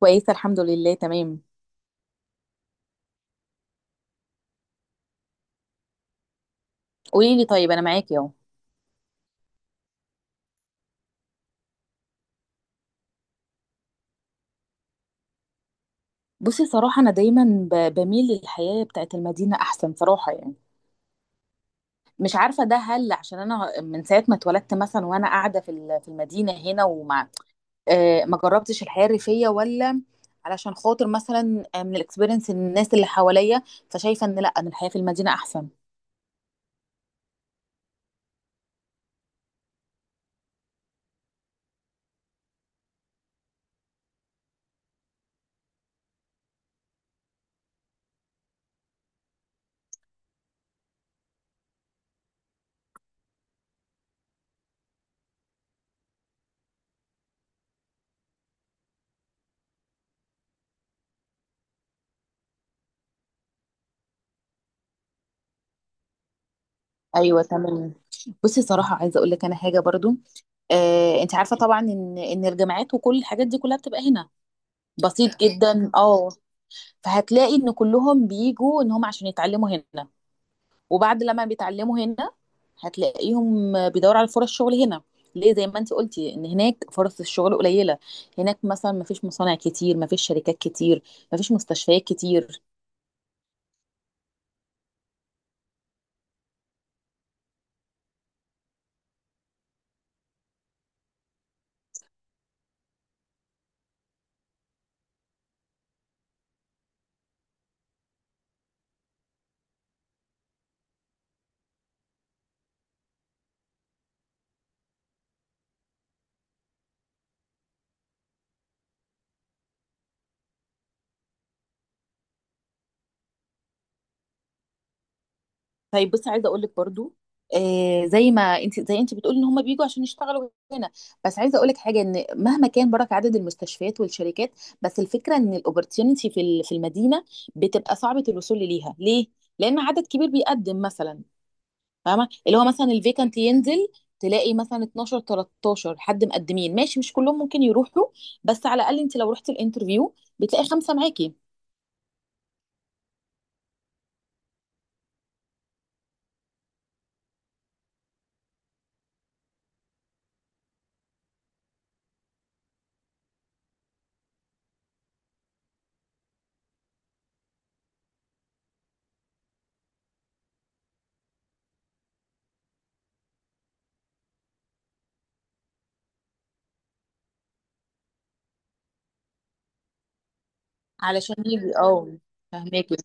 كويسة الحمد لله تمام. قولي لي، طيب أنا معاكي أهو. بصي صراحة أنا دايما بميل للحياة بتاعت المدينة أحسن صراحة يعني. مش عارفة ده هل عشان أنا من ساعة ما اتولدت مثلا وأنا قاعدة في المدينة هنا وما آه ما جربتش الحياة الريفية ولا علشان خاطر مثلا، من الاكسبيرينس الناس اللي حواليا، فشايفة إن لأ، أن الحياة في المدينة أحسن. أيوة تمام. بصي صراحة عايزة أقول لك أنا حاجة برضو، آه أنت عارفة طبعا إن الجامعات وكل الحاجات دي كلها بتبقى هنا. بسيط جدا اه. فهتلاقي ان كلهم بيجوا ان هم عشان يتعلموا هنا، وبعد لما بيتعلموا هنا هتلاقيهم بيدوروا على فرص شغل هنا. ليه؟ زي ما انت قلتي ان هناك فرص الشغل قليله. هناك مثلا مفيش مصانع كتير، مفيش شركات كتير، مفيش مستشفيات كتير. طيب بصي عايزه اقول لك برضو آه، زي ما انت زي انت بتقولي ان هم بيجوا عشان يشتغلوا هنا. بس عايزه اقول لك حاجه، ان مهما كان برك عدد المستشفيات والشركات، بس الفكره ان الاوبورتيونيتي في المدينه بتبقى صعبه الوصول ليها. ليه؟ لان عدد كبير بيقدم مثلا، فاهمه؟ اللي هو مثلا الفيكانت ينزل، تلاقي مثلا 12 13 حد مقدمين، ماشي، مش كلهم ممكن يروحوا. بس على الاقل انت لو رحت الانترفيو بتلاقي خمسه معاكي علشان يجي، اه فاهماكي.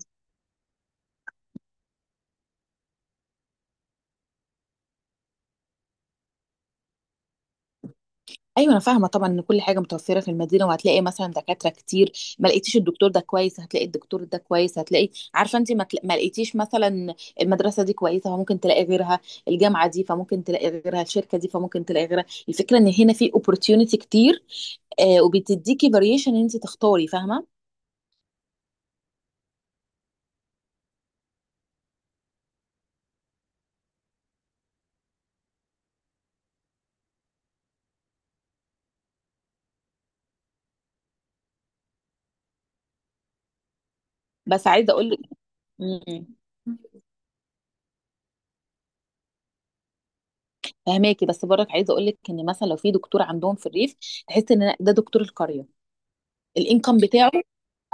ايوه انا فاهمه طبعا ان كل حاجه متوفره في المدينه، وهتلاقي مثلا دكاتره كتير. ما لقيتيش الدكتور ده كويس، هتلاقي الدكتور ده كويس، هتلاقي. عارفه انت، ما لقيتيش مثلا المدرسه دي كويسه، فممكن تلاقي غيرها. الجامعه دي، فممكن تلاقي غيرها. الشركه دي، فممكن تلاقي غيرها. الفكره ان هنا في opportunity كتير، آه وبتديكي variation ان انت تختاري، فاهمه؟ بس عايزه اقول لك، فهماكي بس برك عايزه اقول لك ان مثلا لو في دكتور عندهم في الريف، تحس ان ده دكتور القريه، الانكم بتاعه.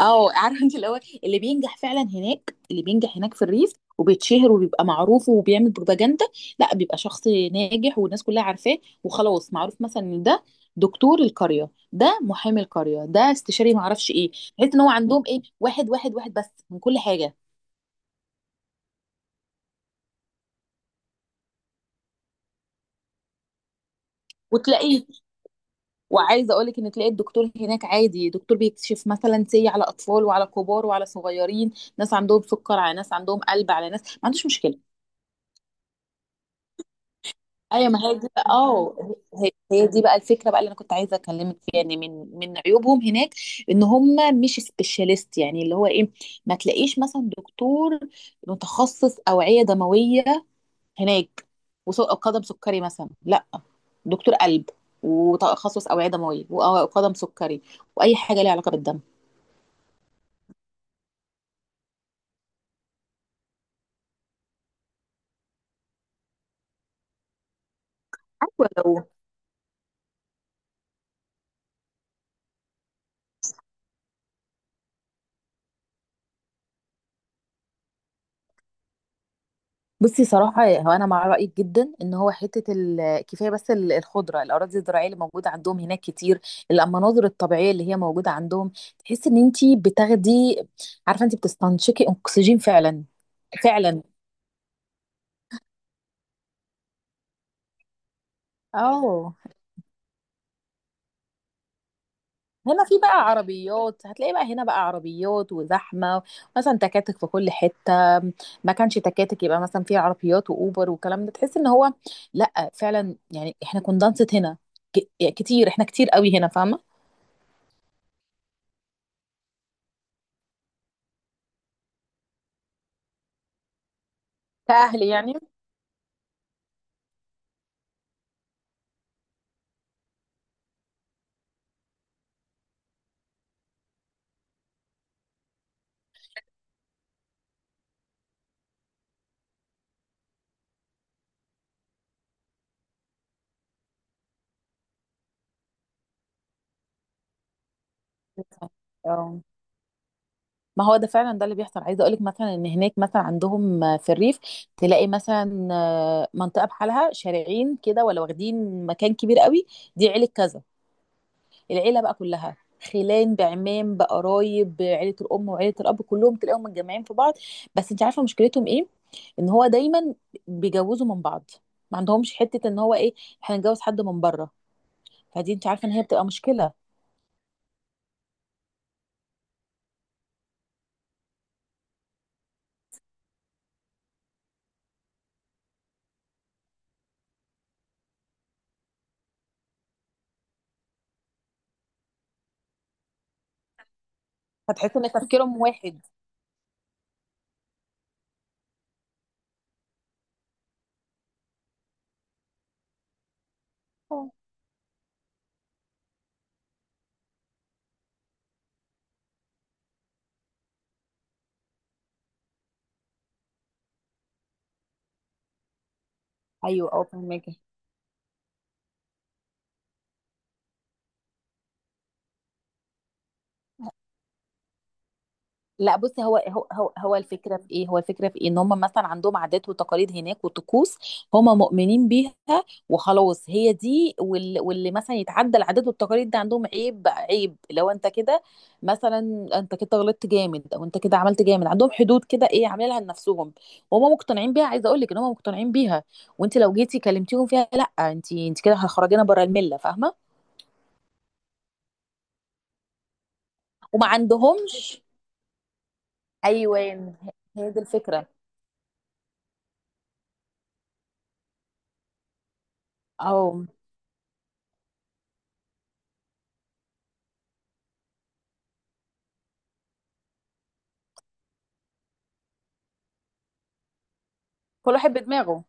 اه عارفه انت، اللي هو اللي بينجح فعلا هناك، اللي بينجح هناك في الريف وبيتشهر وبيبقى معروف وبيعمل بروباجندا، لا بيبقى شخص ناجح والناس كلها عارفاه وخلاص. معروف مثلا ان ده دكتور القريه، ده محامي القريه، ده استشاري ما اعرفش ايه. تحس ان هو عندهم ايه، واحد واحد واحد بس من كل حاجه. وتلاقيه، وعايزه اقول لك ان تلاقي الدكتور هناك عادي دكتور بيكشف مثلا سي على اطفال وعلى كبار وعلى صغيرين، ناس عندهم سكر، على ناس عندهم قلب، على ناس ما عندوش مشكله. ايوه ما هي دي بقى اه، هي دي بقى الفكره بقى اللي انا كنت عايزه اكلمك فيها يعني، من عيوبهم هناك ان هم مش سبيشاليست، يعني اللي هو ايه، ما تلاقيش مثلا دكتور متخصص اوعيه دمويه هناك وقدم سكري مثلا، لا دكتور قلب وتخصص اوعيه دمويه وقدم سكري واي حاجه ليها علاقه بالدم. ايوه. بصي صراحة هو أنا مع رأيك جدا، إن هو حتة كفاية بس الخضرة، الأراضي الزراعية اللي موجودة عندهم هناك كتير، المناظر الطبيعية اللي هي موجودة عندهم، تحس إن أنتي بتاخدي، عارفة أنتي بتستنشقي أكسجين فعلا. فعلا اه. هنا في بقى عربيات، هتلاقي بقى هنا بقى عربيات وزحمه، مثلا تكاتك في كل حته، ما كانش تكاتك يبقى مثلا في عربيات واوبر والكلام ده، تحس ان هو لا فعلا، يعني احنا كنا دانسة هنا، كتير، احنا كتير قوي هنا، فاهمه؟ كأهلي يعني. اه ما هو ده فعلا ده اللي بيحصل. عايزه اقول لك مثلا ان هناك مثلا عندهم في الريف، تلاقي مثلا، منطقه بحالها شارعين كده ولا واخدين مكان كبير قوي، دي عيله كذا، العيله بقى كلها، خلان بعمام بقرايب بعيله الام وعيله الاب كلهم تلاقيهم متجمعين في بعض. بس انت عارفه مشكلتهم ايه؟ ان هو دايما بيجوزوا من بعض، ما عندهمش حته ان هو ايه، احنا نجوز حد من بره. فدي انت عارفه ان هي بتبقى مشكله. فتحس ان تفكيرهم واحد. ايوه اه فهمك. لا بصي، هو الفكره في ايه، هو الفكره في ايه، ان هم مثلا عندهم عادات وتقاليد هناك وطقوس، هم مؤمنين بيها وخلاص هي دي، واللي مثلا يتعدى العادات والتقاليد ده عندهم عيب، عيب. لو انت كده مثلا، انت كده غلطت جامد، او انت كده عملت جامد، عندهم حدود كده ايه عاملينها لنفسهم، وهم مقتنعين بيها. عايزه اقول لك ان هم مقتنعين بيها، وانت لو جيتي كلمتيهم فيها، لا انت، انت كده هتخرجينا بره المله، فاهمه؟ وما عندهمش. ايوه هي دي الفكره. او كل واحد بدماغه.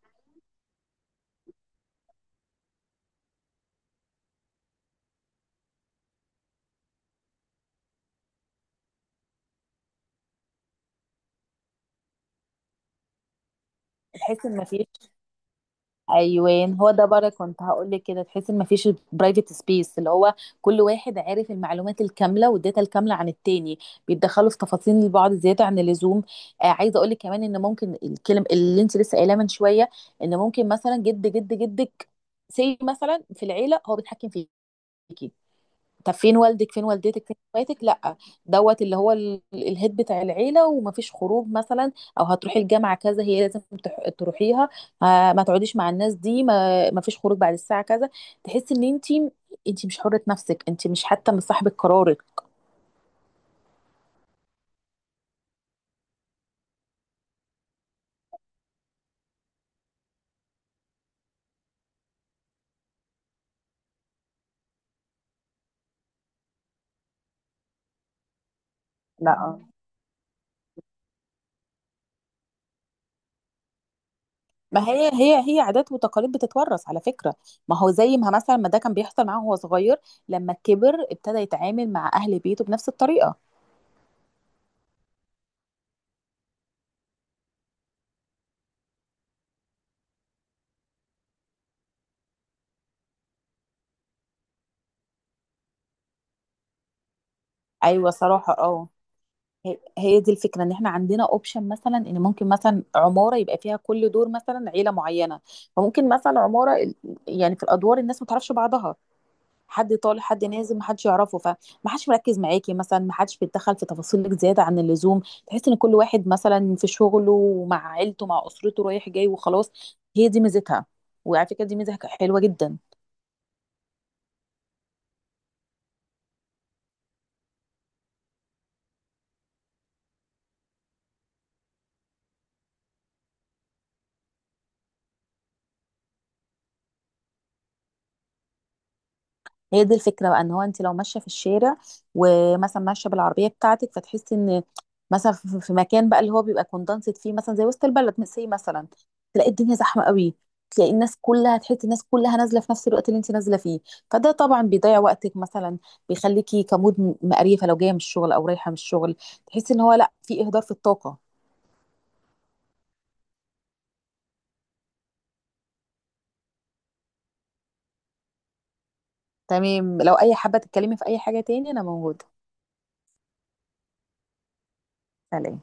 تحس ان مفيش، ايوان هو ده بره كنت هقول لك كده، تحس ان مفيش برايفت سبيس، اللي هو كل واحد عارف المعلومات الكامله والداتا الكامله عن التاني، بيتدخلوا في تفاصيل البعض زياده عن اللزوم. آه عايزه اقول لك كمان، ان ممكن الكلم اللي انت لسه قايلاه من شويه، ان ممكن مثلا جد جدك سي مثلا في العيله هو بيتحكم فيكي، طب فين والدك، فين والدتك، فين اخواتك، لا دوت، اللي هو الهيد بتاع العيله، ومفيش خروج مثلا، او هتروحي الجامعه كذا، هي لازم تروحيها، ما تقعديش مع الناس دي، ما مفيش خروج بعد الساعه كذا، تحسي ان انت، انت مش حره نفسك، انت مش حتى من صاحبه قرارك. لا ما هي، هي عادات وتقاليد بتتورث على فكرة، ما هو زي ما مثلا، ما ده كان بيحصل معاه وهو صغير، لما كبر ابتدى يتعامل مع أهل بيته بنفس الطريقة. أيوة صراحة اه. هي دي الفكرة ان احنا عندنا اوبشن مثلا، ان ممكن مثلا عمارة يبقى فيها كل دور مثلا عيلة معينة، فممكن مثلا عمارة يعني في الادوار الناس ما تعرفش بعضها، حد طالع حد نازل ما حدش يعرفه، فما حدش مركز معاكي مثلا، ما حدش بيتدخل في تفاصيلك زيادة عن اللزوم، تحس ان كل واحد مثلا في شغله ومع عيلته مع اسرته رايح جاي وخلاص. هي دي ميزتها، وعلى فكرة دي ميزة حلوة جدا. هي دي الفكره بقى ان هو انت لو ماشيه في الشارع، ومثلا ماشيه بالعربيه بتاعتك، فتحسي ان مثلا في مكان بقى اللي هو بيبقى كوندنسد فيه، مثلا زي وسط البلد مثلا، تلاقي الدنيا زحمه قوي، تلاقي الناس كلها، تحسي الناس كلها نازله في نفس الوقت اللي انت نازله فيه، فده طبعا بيضيع وقتك مثلا، بيخليكي كمود مقريفه، لو جايه من الشغل او رايحه من الشغل، تحسي ان هو لا، في اهدار في الطاقه. تمام، لو اي حابه تتكلمي في اي حاجه تاني انا موجوده. سلام.